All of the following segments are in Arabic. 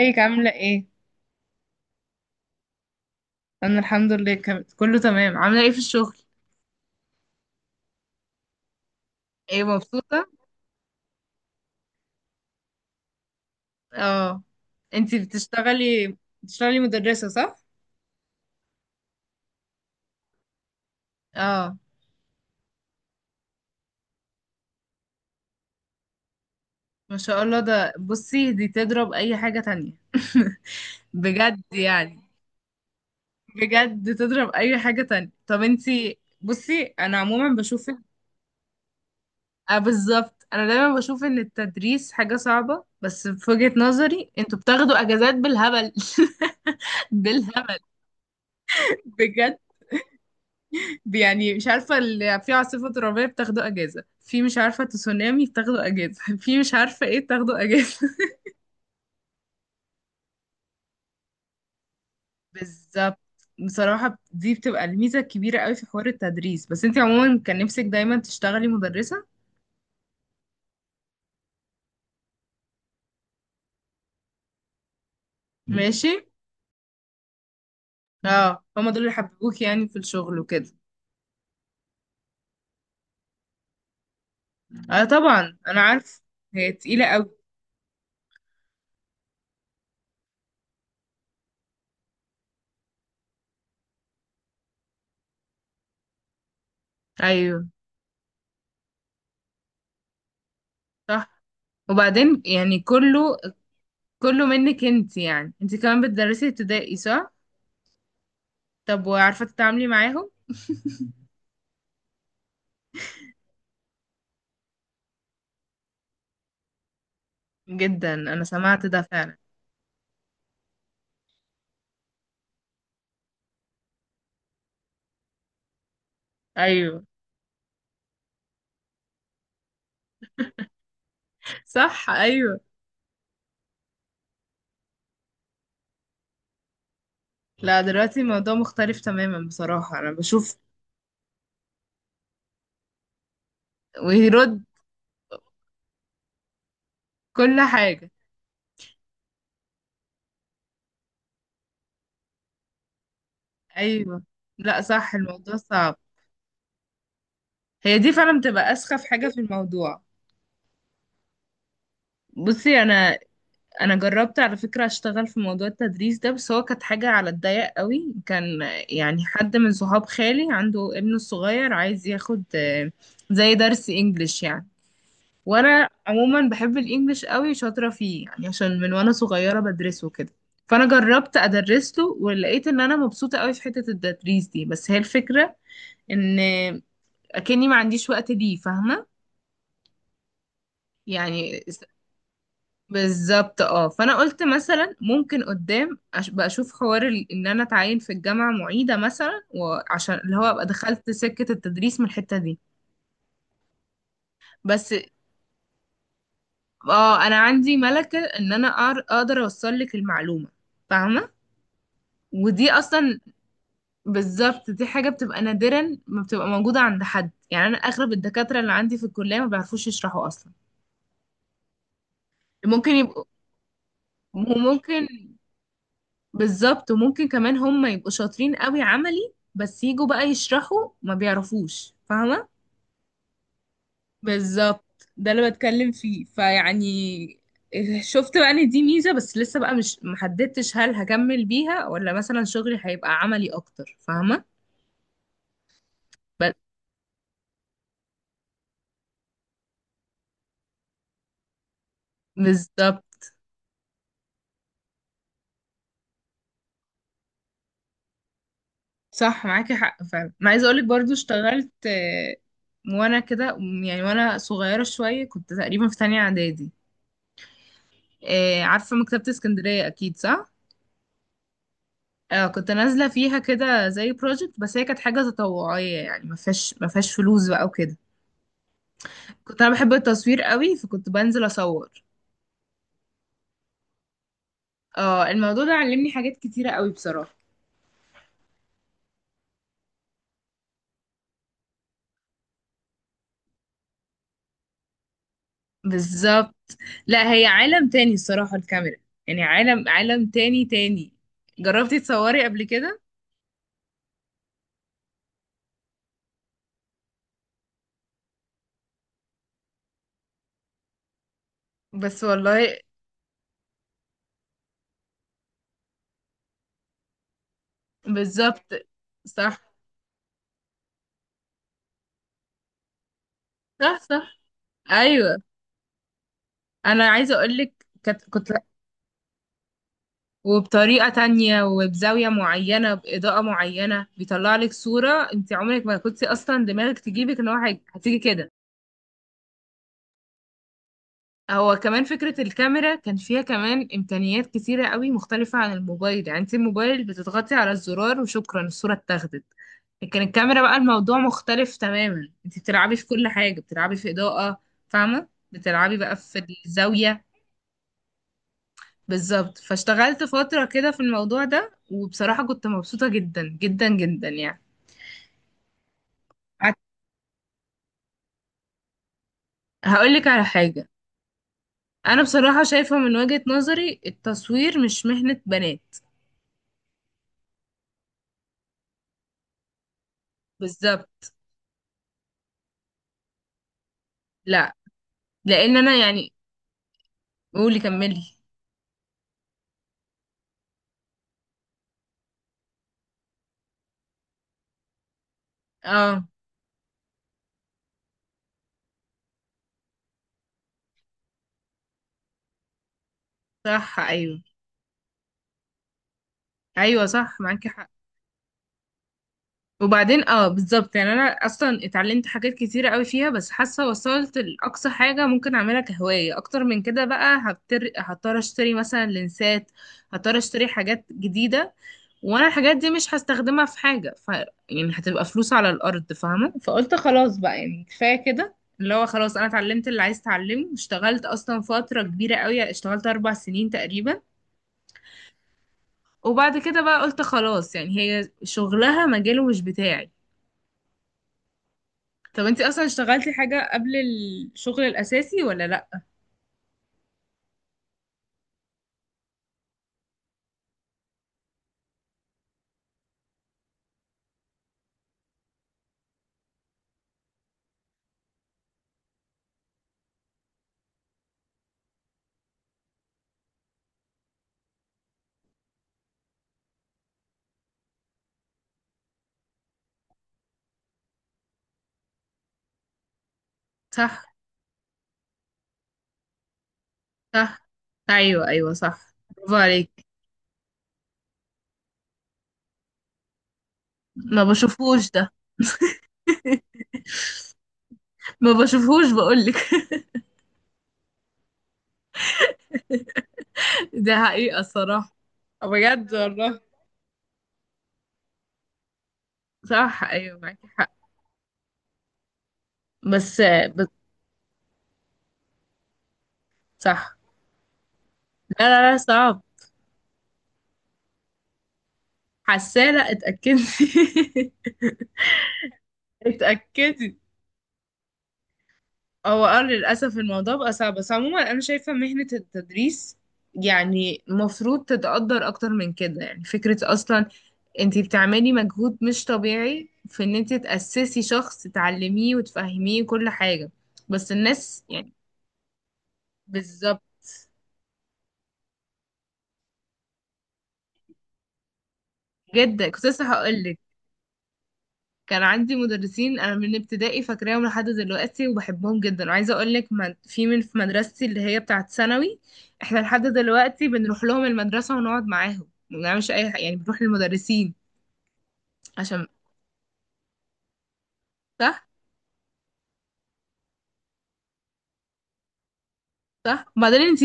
ازيك عاملة ايه؟ انا الحمد لله كله تمام. عاملة ايه في الشغل؟ ايه، مبسوطة؟ اه. انتي بتشتغلي مدرسة صح؟ اه. ما شاء الله، ده بصي دي تضرب اي حاجة تانية. بجد يعني. بجد تضرب اي حاجة تانية. طب انتي بصي انا عموما بشوف، اه بالظبط. انا دايما بشوف ان التدريس حاجة صعبة، بس في وجهة نظري انتوا بتاخدوا اجازات بالهبل. بالهبل. بجد، يعني مش عارفة اللي في عاصفة ترابية بتاخدوا أجازة، في مش عارفة تسونامي بتاخدوا أجازة، في مش عارفة ايه بتاخدوا أجازة. بالظبط. بصراحة دي بتبقى الميزة الكبيرة قوي في حوار التدريس. بس انت عموما كان نفسك دايما تشتغلي مدرسة؟ ماشي. اه، هما دول اللي حببوك يعني في الشغل وكده. اه طبعا انا عارف، هي تقيلة قوي. ايوه صح. وبعدين يعني كله منك انت. يعني انت كمان بتدرسي ابتدائي صح؟ طب وعارفة تتعاملي معاهم؟ جدا، انا سمعت ده فعلا. ايوه صح، ايوه. لا دلوقتي الموضوع مختلف تماما، بصراحة انا بشوف. ويرد كل حاجة. ايوه. لا صح، الموضوع صعب. هي دي فعلا بتبقى اسخف حاجة في الموضوع. بصي انا جربت على فكرة اشتغل في موضوع التدريس ده، بس هو كانت حاجة على الضيق قوي. كان يعني حد من صحاب خالي عنده ابنه الصغير عايز ياخد زي درس انجليش يعني. وانا عموما بحب الانجليش قوي، شاطره فيه يعني عشان من وانا صغيره بدرسه كده. فانا جربت ادرس له، ولقيت ان انا مبسوطه قوي في حته التدريس دي. بس هي الفكره ان اكني ما عنديش وقت ليه، فاهمه؟ يعني بالظبط. اه، فانا قلت مثلا ممكن قدام بقى اشوف حوار ان انا اتعين في الجامعه معيده مثلا، وعشان اللي هو ابقى دخلت سكه التدريس من الحته دي. بس اه انا عندي ملكه ان انا اقدر اوصل لك المعلومه، فاهمه؟ ودي اصلا بالظبط دي حاجه بتبقى نادرا ما بتبقى موجوده عند حد. يعني انا اغلب الدكاتره اللي عندي في الكليه ما بيعرفوش يشرحوا اصلا. ممكن يبقوا، وممكن بالظبط، وممكن كمان هم يبقوا شاطرين قوي عملي بس يجوا بقى يشرحوا ما بيعرفوش، فاهمه؟ بالظبط، ده اللي بتكلم فيه، فيعني شفت بقى ان دي ميزه. بس لسه بقى مش محددتش هل هكمل بيها، ولا مثلا شغلي هيبقى عملي اكتر، فاهمه؟ بس- بالظبط، صح معاكي حق فعلا. انا عايزه اقولك برضو اشتغلت. وانا كده يعني وانا صغيره شويه، كنت تقريبا في تانية اعدادي. عارفه مكتبه اسكندريه اكيد صح؟ اه، كنت نازله فيها كده زي بروجكت، بس هي كانت حاجه تطوعيه يعني ما فيهاش فلوس بقى وكده. كنت انا بحب التصوير قوي، فكنت بنزل اصور. اه، الموضوع ده علمني حاجات كتيره قوي بصراحه. بالظبط. لا هي عالم تاني الصراحه الكاميرا. يعني عالم، عالم تاني تاني. جربتي تصوري قبل كده؟ بس والله. بالظبط. صح صح، صح ايوه. انا عايزه اقول لك كنت وبطريقه تانية، وبزاويه معينه، باضاءه معينه، بيطلع لك صوره انت عمرك ما كنت اصلا دماغك تجيبك ان هو هتيجي كده. هو كمان فكره الكاميرا كان فيها كمان امكانيات كتيره قوي مختلفه عن الموبايل. يعني انت الموبايل بتضغطي على الزرار وشكرا، الصوره اتاخدت. لكن الكاميرا بقى الموضوع مختلف تماما. انت بتلعبي في كل حاجه، بتلعبي في اضاءه، فاهمه؟ بتلعبي بقى في الزاويه. بالظبط. فاشتغلت فترة كده في الموضوع ده، وبصراحة كنت مبسوطة جدا جدا جدا يعني. هت- هقولك على حاجة. أنا بصراحة شايفة من وجهة نظري التصوير مش مهنة بنات. بالظبط. لا، لأن أنا يعني، قولي كملي. اه صح، أيوه أيوه صح معاكي حق. وبعدين اه بالظبط. يعني انا اصلا اتعلمت حاجات كتيرة قوي فيها، بس حاسه وصلت لاقصى حاجه ممكن اعملها كهوايه. اكتر من كده بقى هضطر اشتري مثلا لنسات، هضطر اشتري حاجات جديده، وانا الحاجات دي مش هستخدمها في حاجه. يعني هتبقى فلوس على الارض، فاهمه؟ فقلت خلاص بقى، يعني كفايه كده. اللي هو خلاص انا اتعلمت اللي عايز اتعلمه، اشتغلت اصلا فتره كبيره قوي، اشتغلت 4 سنين تقريبا. وبعد كده بقى قلت خلاص، يعني هي شغلها مجاله مش بتاعي. طب انتي اصلا اشتغلتي حاجة قبل الشغل الاساسي، ولا لا؟ صح صح، ايوه ايوه صح. برافو عليك. ما بشوفهوش ده. ما بشوفهوش بقولك. ده حقيقة الصراحة. بجد والله، صح ايوه معاكي حق. بس بس صح. لا لا لا، صعب. حسالة اتأكدي. اتأكدي. هو للأسف الموضوع بقى صعب. بس عموما أنا شايفة مهنة التدريس يعني مفروض تتقدر أكتر من كده. يعني فكرة أصلا انتي بتعملي مجهود مش طبيعي في ان انتي تأسسي شخص، تعلميه وتفهميه كل حاجة. بس الناس يعني، بالظبط. جدا، كنت لسه هقولك، كان عندي مدرسين انا من ابتدائي فاكراهم لحد دلوقتي وبحبهم جدا. وعايزه اقول لك في من في مدرستي اللي هي بتاعه ثانوي، احنا لحد دلوقتي بنروح لهم المدرسه ونقعد معاهم، ما بنعملش اي حاجه يعني، بنروح للمدرسين عشان، صح صح. وبعدين انت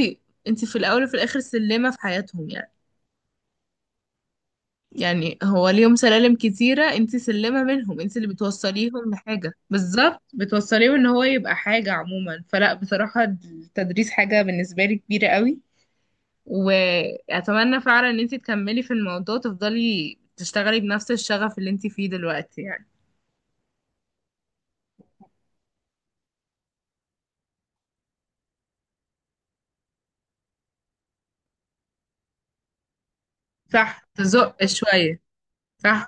انت في الاول وفي الاخر سلمه في حياتهم يعني. يعني هو ليهم سلالم كتيره، انت سلمه منهم، انت اللي بتوصليهم لحاجه، بالظبط بتوصليهم ان هو يبقى حاجه عموما. فلا بصراحه التدريس حاجه بالنسبه لي كبيره قوي، واتمنى فعلا ان انت تكملي في الموضوع، تفضلي تشتغلي بنفس الشغف اللي انت فيه دلوقتي يعني. صح، تزق شوية. صح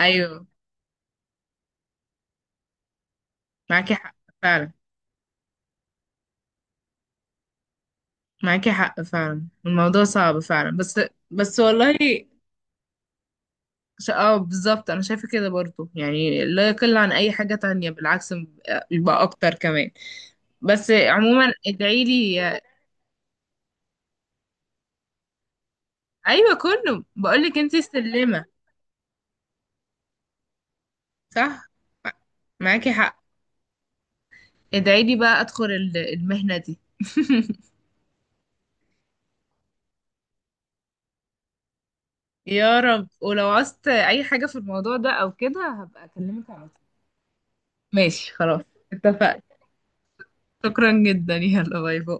ايوه معاكي حق فعلا، معاكي حق فعلا. الموضوع صعب فعلا، بس بس والله اه بالظبط، انا شايفه كده برضو. يعني لا يقل عن اي حاجه تانية، بالعكس يبقى اكتر كمان. بس عموما ادعيلي. ايوه، كله بقولك انتي سلمه. صح معاكي حق. ادعي لي بقى ادخل المهنة دي. يا رب. ولو عوزت اي حاجة في الموضوع ده او كده هبقى اكلمك على طول. ماشي خلاص، اتفقنا. شكرا جدا، يلا باي باي.